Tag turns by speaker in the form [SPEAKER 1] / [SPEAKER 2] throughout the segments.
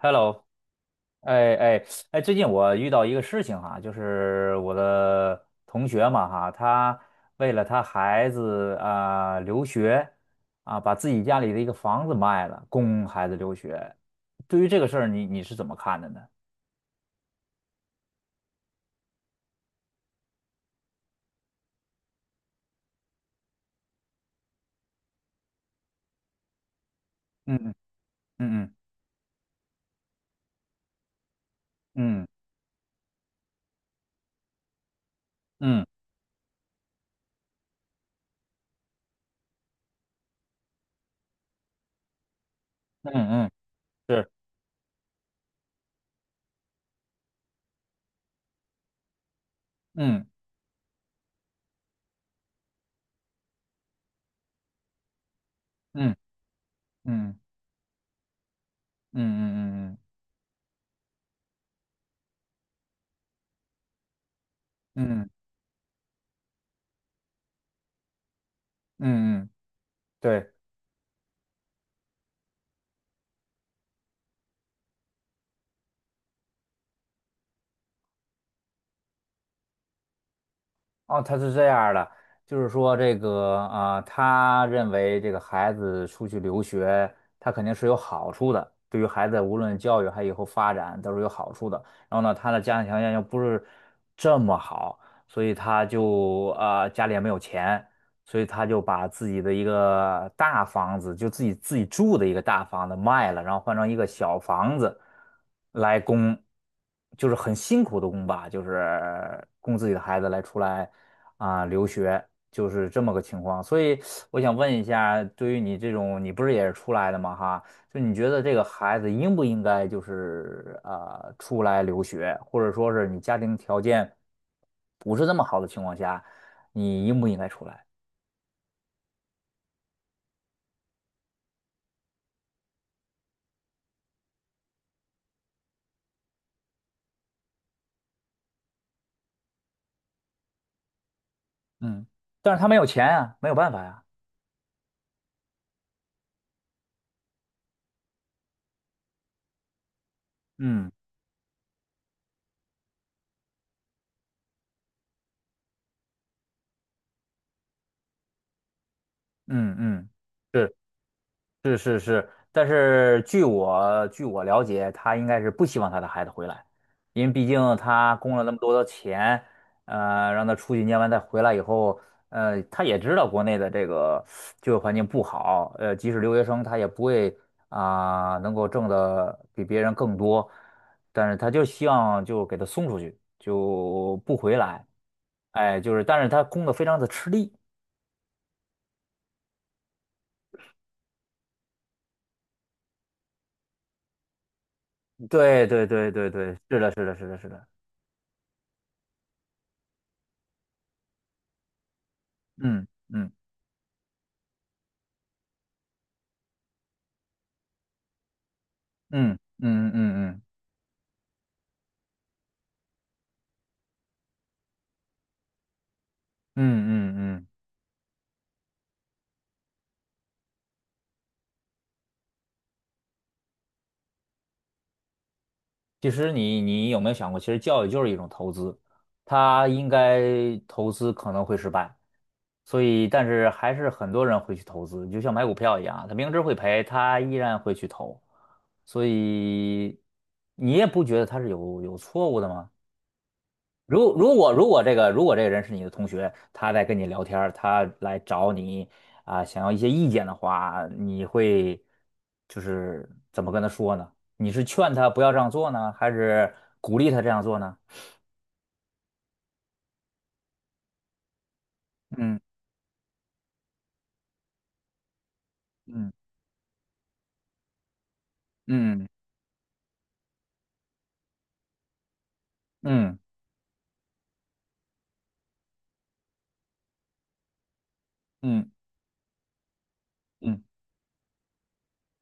[SPEAKER 1] Hello，哎哎哎，最近我遇到一个事情哈，就是我的同学嘛哈，他为了他孩子啊、留学啊，把自己家里的一个房子卖了，供孩子留学。对于这个事儿，你是怎么看的呢？嗯嗯嗯嗯嗯嗯嗯嗯，是，嗯嗯嗯嗯嗯嗯嗯嗯嗯嗯，嗯对。哦，他是这样儿的，就是说这个啊、他认为这个孩子出去留学，他肯定是有好处的，对于孩子无论教育还以后发展都是有好处的。然后呢，他的家庭条件又不是这么好，所以他就啊、家里也没有钱，所以他就把自己的一个大房子，就自己住的一个大房子卖了，然后换成一个小房子来供，就是很辛苦的供吧，就是供自己的孩子来出来啊、留学，就是这么个情况。所以我想问一下，对于你这种，你不是也是出来的吗？哈，就你觉得这个孩子应不应该就是出来留学，或者说是你家庭条件不是那么好的情况下，你应不应该出来？嗯，但是他没有钱啊，没有办法呀、嗯嗯嗯，是是是是，但是据我了解，他应该是不希望他的孩子回来，因为毕竟他供了那么多的钱，让他出去念完再回来以后，他也知道国内的这个就业环境不好，即使留学生他也不会啊、能够挣的比别人更多，但是他就希望就给他送出去，就不回来，哎，就是，但是他供的非常的吃力，对对对对对，是的是的是的是的，嗯嗯。嗯嗯嗯嗯嗯嗯嗯，其实你有没有想过，其实教育就是一种投资，它应该投资可能会失败，所以但是还是很多人会去投资，你就像买股票一样啊，他明知会赔，他依然会去投，所以你也不觉得他是有错误的吗？如果这个人是你的同学，他在跟你聊天儿他来找你啊、想要一些意见的话，你会就是怎么跟他说呢？你是劝他不要这样做呢，还是鼓励他这样做呢？嗯嗯嗯嗯嗯嗯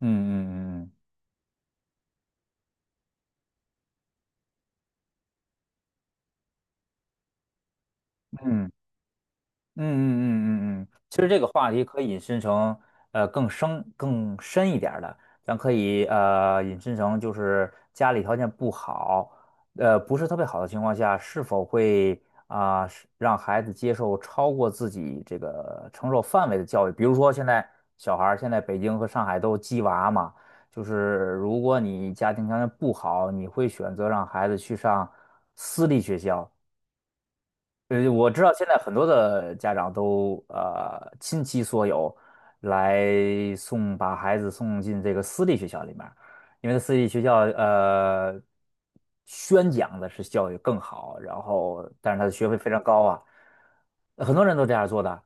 [SPEAKER 1] 嗯嗯嗯嗯嗯。嗯嗯嗯嗯嗯嗯嗯，其实这个话题可以引申成更深一点儿的，咱可以引申成就是家里条件不好，不是特别好的情况下，是否会啊、是让孩子接受超过自己这个承受范围的教育？比如说现在小孩儿现在北京和上海都鸡娃嘛，就是如果你家庭条件不好，你会选择让孩子去上私立学校。我知道现在很多的家长都倾其所有来送把孩子送进这个私立学校里面儿因为私立学校宣讲的是教育更好，然后但是他的学费非常高啊，很多人都这样做的。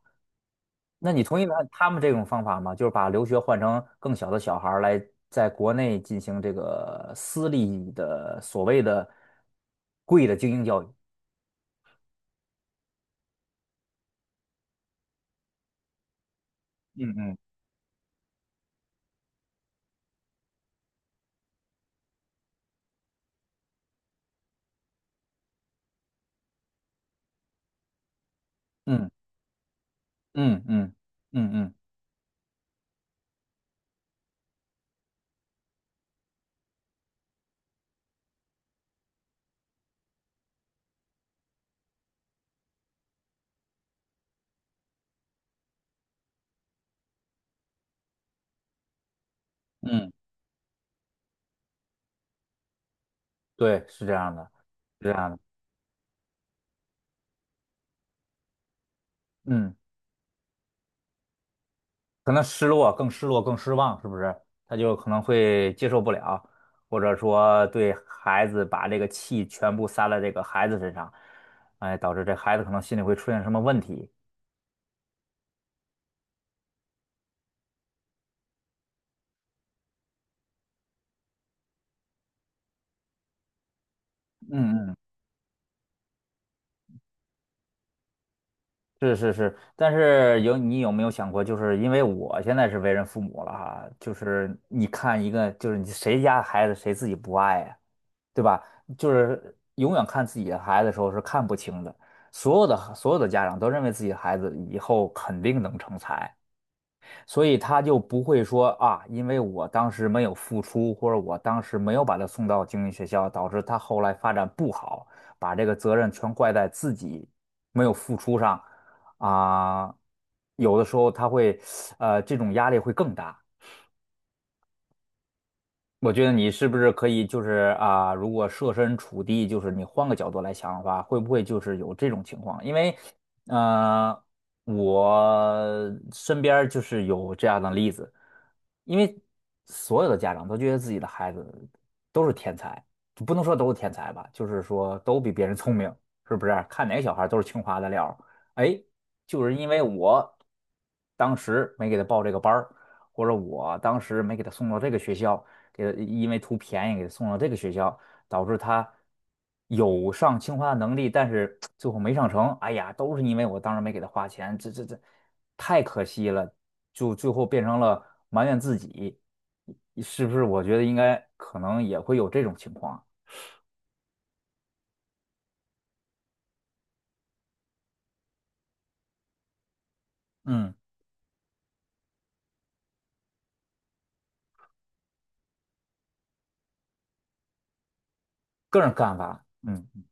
[SPEAKER 1] 那你同意他们这种方法吗？就是把留学换成更小的小孩儿来在国内进行这个私立的所谓的贵的精英教育？嗯嗯嗯。嗯嗯嗯嗯嗯，对，是这样的，是这样的，嗯，可能失落，更失落，更失望，是不是？他就可能会接受不了，或者说对孩子把这个气全部撒在这个孩子身上，哎，导致这孩子可能心里会出现什么问题。嗯是是是，但是你有没有想过，就是因为我现在是为人父母了哈，就是你看一个，就是你谁家孩子谁自己不爱呀，对吧？就是永远看自己的孩子的时候是看不清的，所有的家长都认为自己的孩子以后肯定能成才，所以他就不会说啊，因为我当时没有付出，或者我当时没有把他送到精英学校，导致他后来发展不好，把这个责任全怪在自己没有付出上啊，有的时候他会，这种压力会更大。我觉得你是不是可以就是啊，如果设身处地，就是你换个角度来想的话，会不会就是有这种情况？因为，呃，我身边儿就是有这样的例子，因为所有的家长都觉得自己的孩子都是天才，不能说都是天才吧，就是说都比别人聪明，是不是？看哪个小孩儿都是清华的料儿，哎，就是因为我当时没给他报这个班儿。或者我当时没给他送到这个学校，给他因为图便宜给他送到这个学校，导致他有上清华的能力，但是 最后没上成。哎呀，都是因为我当时没给他花钱，这太可惜了，就最后变成了埋怨自己，是不是？我觉得应该可能也会有这种情况。嗯，个人看法。嗯嗯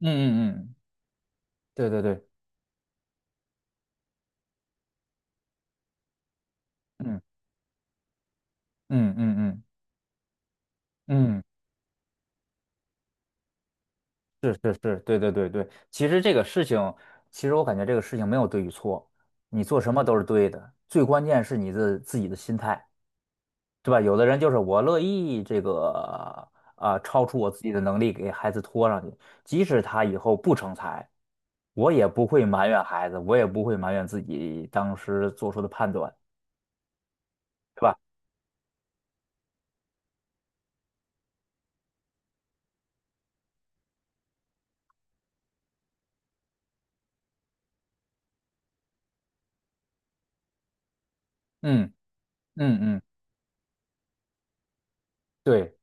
[SPEAKER 1] 嗯嗯，对对对，嗯嗯嗯嗯嗯。是是是，对对对对，其实这个事情，其实我感觉这个事情没有对与错，你做什么都是对的，最关键是你的自己的心态，对吧？有的人就是我乐意这个啊、超出我自己的能力给孩子拖上去，即使他以后不成才，我也不会埋怨孩子，我也不会埋怨自己当时做出的判断，对吧？嗯嗯嗯，对，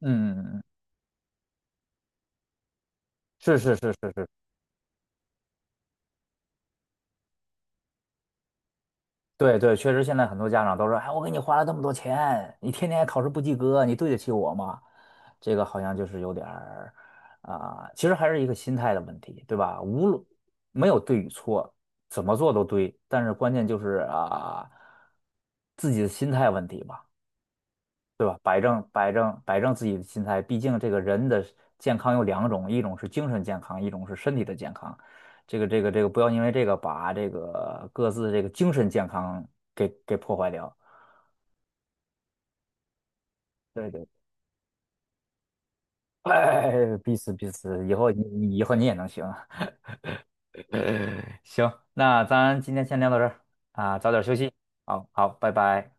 [SPEAKER 1] 嗯嗯嗯，嗯是是是是是。对对，确实现在很多家长都说，哎，我给你花了这么多钱，你天天考试不及格，你对得起我吗？这个好像就是有点儿啊、其实还是一个心态的问题，对吧？无论没有对与错，怎么做都对，但是关键就是啊、自己的心态问题吧。对吧？摆正摆正摆正自己的心态，毕竟这个人的健康有两种，一种是精神健康，一种是身体的健康。这个，不要因为这个把这个各自这个精神健康给破坏掉。对对，哎，彼此彼此，以后你也能行。行，那咱今天先聊到这儿啊，早点休息。好好，拜拜。